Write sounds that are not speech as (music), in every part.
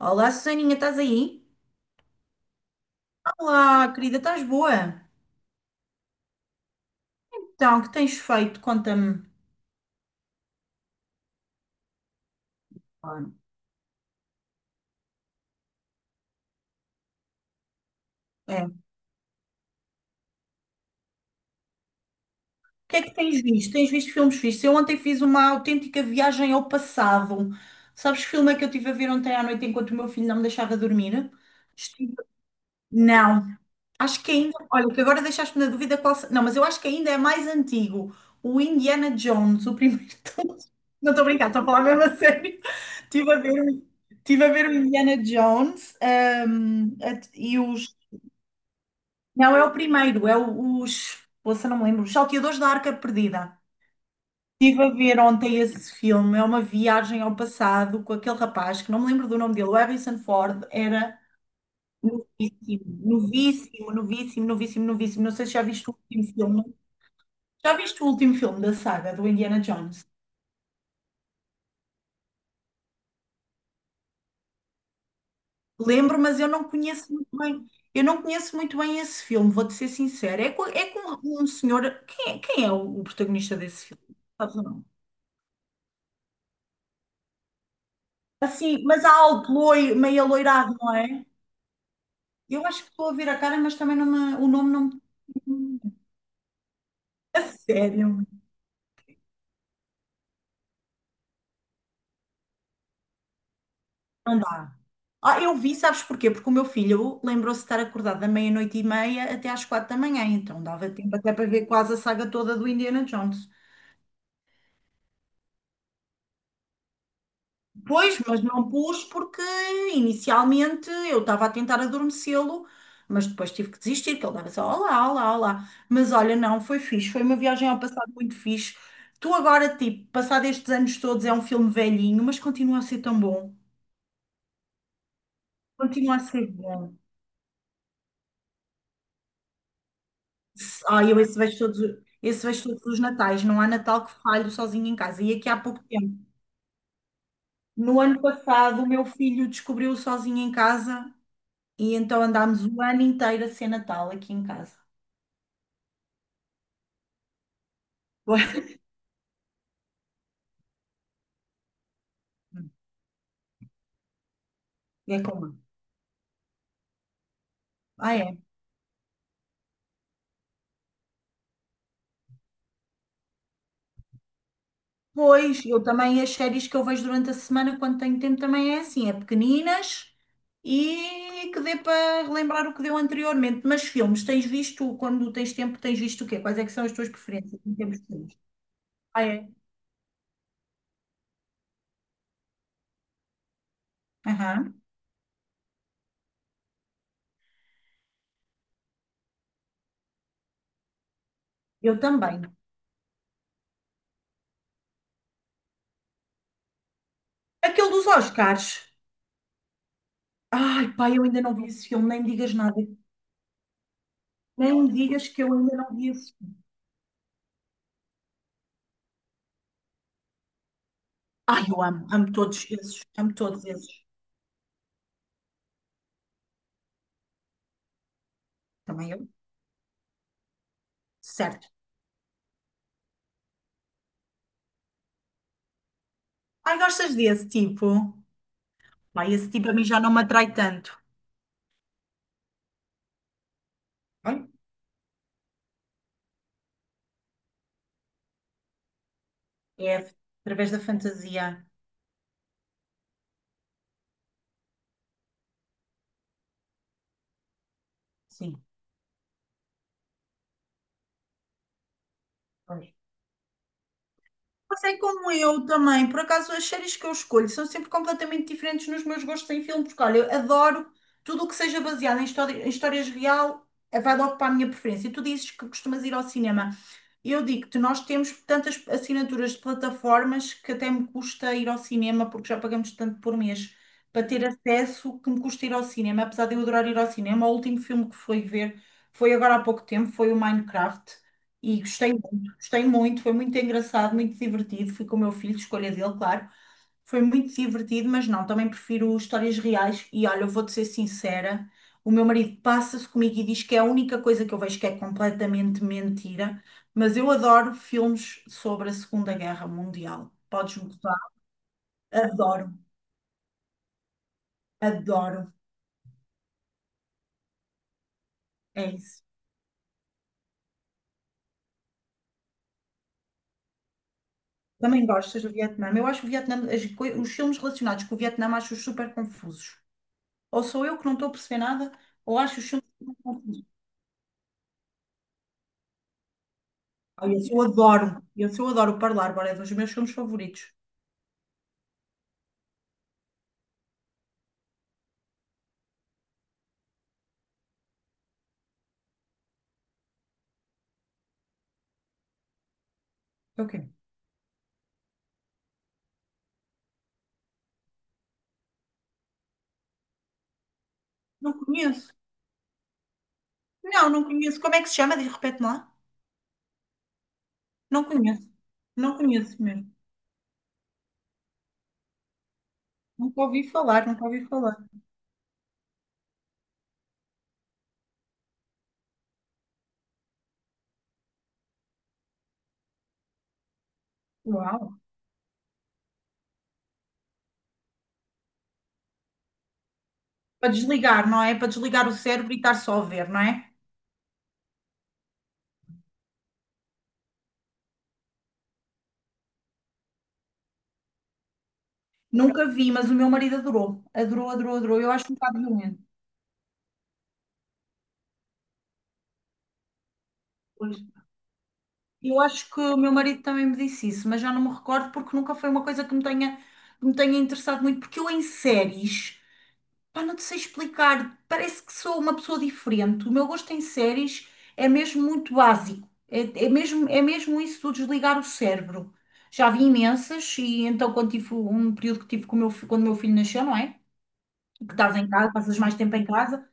Olá, Susaninha, estás aí? Olá, querida, estás boa? Então, o que tens feito? Conta-me. Ah, é. O que é que tens visto? Tens visto filmes fixos? Eu ontem fiz uma autêntica viagem ao passado. Sabes que filme é que eu estive a ver ontem à noite enquanto o meu filho não me deixava dormir? Estive... Não. Acho que ainda, olha, que agora deixaste-me na dúvida é qual. Não, mas eu acho que ainda é mais antigo. O Indiana Jones, o primeiro. (laughs) De todos. Não estou a brincar, estou a falar mesmo a sério. Estive a ver, estive a ver o Indiana Jones, e os. Não, é o primeiro, é os. Poxa, não me lembro. Os Salteadores da Arca Perdida. Estive a ver ontem esse filme, é uma viagem ao passado com aquele rapaz, que não me lembro do nome dele, o Harrison Ford, era. Novíssimo, novíssimo, novíssimo, novíssimo, novíssimo. Não sei se já viste o último filme. Já viste o último filme da saga do Indiana Jones? Lembro, mas eu não conheço muito bem. Eu não conheço muito bem esse filme, vou-te ser sincera. É com um senhor. Quem é o protagonista desse filme? Sabes ou não? Assim, mas há algo loiro, meio aloirado, não é? Eu acho que estou a ver a cara, mas também não o nome não me. A sério, não dá. Ah, eu vi, sabes porquê? Porque o meu filho lembrou-se de estar acordado da meia-noite e meia até às quatro da manhã, então dava tempo até para ver quase a saga toda do Indiana Jones. Pois, mas não pus porque inicialmente eu estava a tentar adormecê-lo, mas depois tive que desistir, que ele dava só olá, olá, olá. Mas olha, não, foi fixe, foi uma viagem ao passado muito fixe. Tu agora, tipo, passado estes anos todos, é um filme velhinho, mas continua a ser tão bom. Continua a ser bom. Ah, eu esse vejo todos os Natais. Não há Natal que falho sozinho em casa. E aqui há pouco tempo. No ano passado, o meu filho descobriu sozinho em casa e então andámos o ano inteiro a ser Natal aqui em casa. (laughs) É como? Ah, é. Pois, eu também as séries que eu vejo durante a semana, quando tenho tempo, também é assim, é pequeninas e que dê para relembrar o que deu anteriormente. Mas filmes, tens visto, quando tens tempo, tens visto o quê? Quais é que são as tuas preferências em termos de filmes? Ah, é? Aham. Eu também. Aquele dos Oscars. Ai, pai, eu ainda não vi esse filme, nem me digas nada. Nem me digas que eu ainda não vi esse filme. Ai, eu amo, amo todos esses, amo todos esses. Também eu, certo. Ai, gostas desse tipo? Ai, esse tipo a mim já não me atrai tanto. Ai, é através da fantasia. Sim. Passei como eu também. Por acaso, as séries que eu escolho são sempre completamente diferentes nos meus gostos em filme, porque olha, eu adoro tudo o que seja baseado em história, em histórias real, vai logo para a minha preferência. E tu dizes que costumas ir ao cinema. Eu digo-te, nós temos tantas assinaturas de plataformas que até me custa ir ao cinema, porque já pagamos tanto por mês para ter acesso que me custa ir ao cinema. Apesar de eu adorar ir ao cinema, o último filme que fui ver foi agora há pouco tempo, foi o Minecraft. E gostei. Gostei muito, foi muito engraçado, muito divertido. Fui com o meu filho, escolha dele, claro. Foi muito divertido, mas não, também prefiro histórias reais. E olha, eu vou-te ser sincera: o meu marido passa-se comigo e diz que é a única coisa que eu vejo que é completamente mentira. Mas eu adoro filmes sobre a Segunda Guerra Mundial. Podes gostar. Adoro, adoro. É isso. Também gostas do Vietnã. Eu acho o Vietnã, as os filmes relacionados com o Vietnã, acho-os super confusos. Ou sou eu que não estou a perceber nada, ou acho os filmes super confusos. Ai, esse eu adoro. Esse eu adoro, o Parlar, é dos meus filmes favoritos. É o quê? Não conheço. Não, não conheço. Como é que se chama? Diz, repete lá. Não conheço. Não conheço mesmo. Nunca ouvi falar, nunca ouvi falar. Uau. Para desligar, não é? Para desligar o cérebro e estar só a ver, não é? Nunca vi, mas o meu marido adorou. Adorou, adorou, adorou. Eu acho um bocado violento. Pois. Eu acho que o meu marido também me disse isso, mas já não me recordo porque nunca foi uma coisa que me tenha interessado muito, porque eu em séries. Pá, não te sei explicar. Parece que sou uma pessoa diferente. O meu gosto em séries é mesmo muito básico. É, é mesmo isso do desligar o cérebro. Já vi imensas e então quando tive um período que tive com o meu, quando o meu filho nasceu, não é? Que estás em casa, passas mais tempo em casa.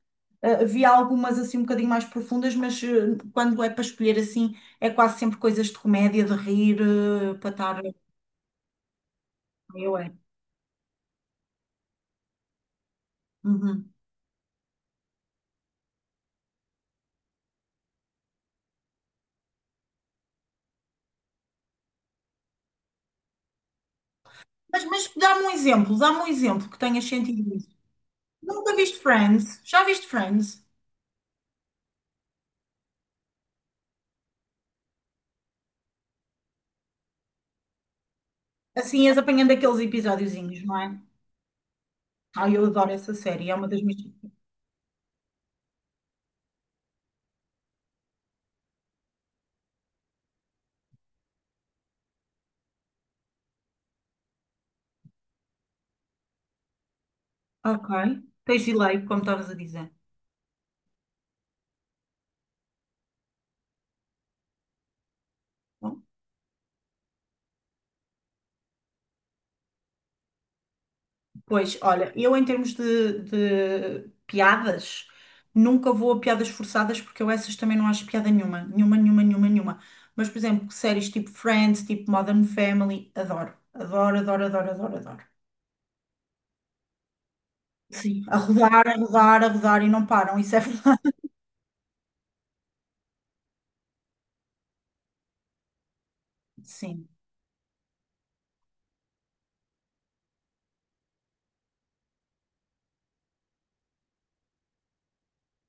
Vi algumas assim um bocadinho mais profundas, mas quando é para escolher assim, é quase sempre coisas de comédia, de rir, para estar. Eu é. Uhum. Mas dá-me um exemplo que tenhas sentido isso. Nunca viste Friends? Já viste Friends? Assim, és apanhando aqueles episódiozinhos, não é? Ai, eu adoro essa série, é uma das minhas. Ok. Tens delay, como estavas a dizer. Bom, pois, olha, eu em termos de piadas, nunca vou a piadas forçadas porque eu essas também não acho piada nenhuma. Nenhuma, nenhuma, nenhuma, nenhuma. Mas, por exemplo, séries tipo Friends, tipo Modern Family, adoro. Adoro, adoro, adoro, adoro, adoro. Sim. A rodar, a rodar, a rodar e não param, isso é verdade. (laughs) Sim.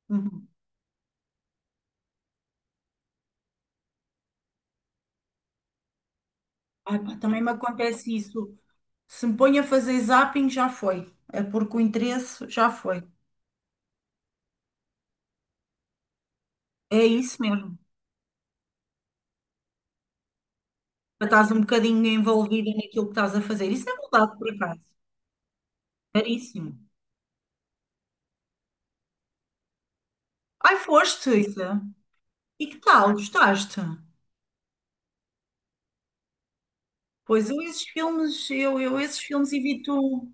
Uhum. Ah, pá, também me acontece isso. Se me ponho a fazer zapping, já foi. É porque o interesse já foi. É isso mesmo. Já estás um bocadinho envolvida naquilo que estás a fazer. Isso é verdade, por acaso. Caríssimo. Ai, foste, Isa. E que tal? Gostaste? Pois eu esses filmes, eu esses filmes evito.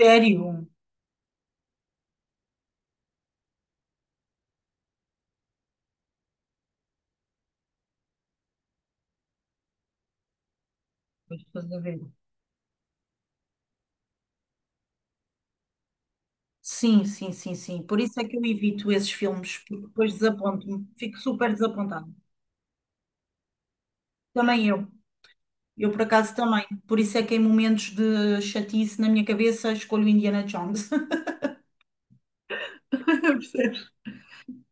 Sério? Pois, estás a ver. Sim, sim, sim, sim. Por isso é que eu evito esses filmes, porque depois desaponto-me. Fico super desapontada. Também eu. Eu, por acaso, também. Por isso é que em momentos de chatice na minha cabeça escolho Indiana Jones. (laughs) Percebes?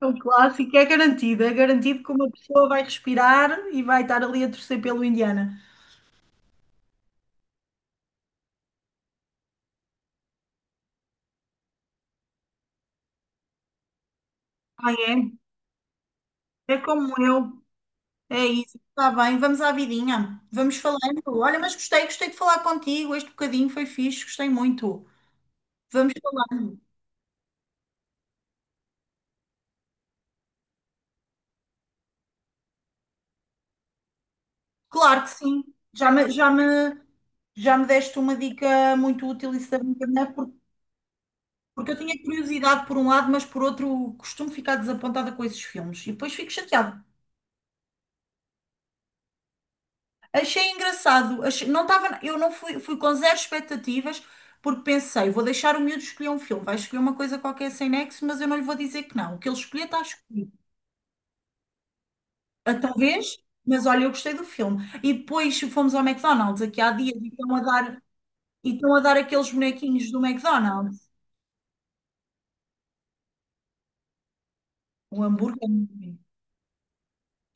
É um clássico, é garantido que uma pessoa vai respirar e vai estar ali a torcer pelo Indiana. Ah, é? É como eu. É isso. Está bem, vamos à vidinha. Vamos falando. Olha, mas gostei, gostei de falar contigo. Este bocadinho foi fixe, gostei muito. Vamos falando. Claro que sim. Já me, já me, já me deste uma dica muito útil isso da brincadeira, porque porque eu tinha curiosidade por um lado, mas por outro costumo ficar desapontada com esses filmes e depois fico chateada. Achei engraçado, não estava, eu não fui, fui com zero expectativas porque pensei, vou deixar o miúdo escolher um filme, vai escolher uma coisa qualquer sem nexo, mas eu não lhe vou dizer que não. O que ele escolher está escolhido. Ah, talvez, mas olha, eu gostei do filme. E depois fomos ao McDonald's aqui há dias e estão a dar, e estão a dar aqueles bonequinhos do McDonald's, o hambúrguer.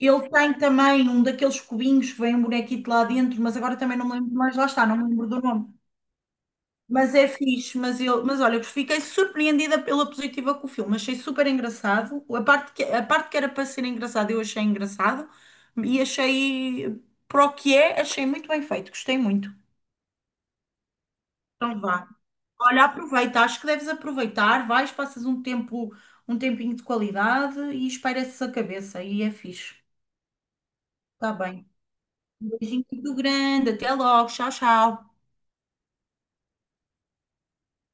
Ele tem também um daqueles cubinhos que vem um bonequito lá dentro, mas agora também não me lembro, mas lá está, não me lembro do nome. Mas é fixe, mas, eu, mas olha, eu fiquei surpreendida pela positiva com o filme, achei super engraçado. A parte que era para ser engraçado, eu achei engraçado e achei, para o que é, achei muito bem feito, gostei muito. Então vá. Olha, aproveita, acho que deves aproveitar, vais, passas um tempo, um tempinho de qualidade e espaireces a cabeça e é fixe. Está bem. Um beijinho muito grande. Até logo. Tchau, tchau.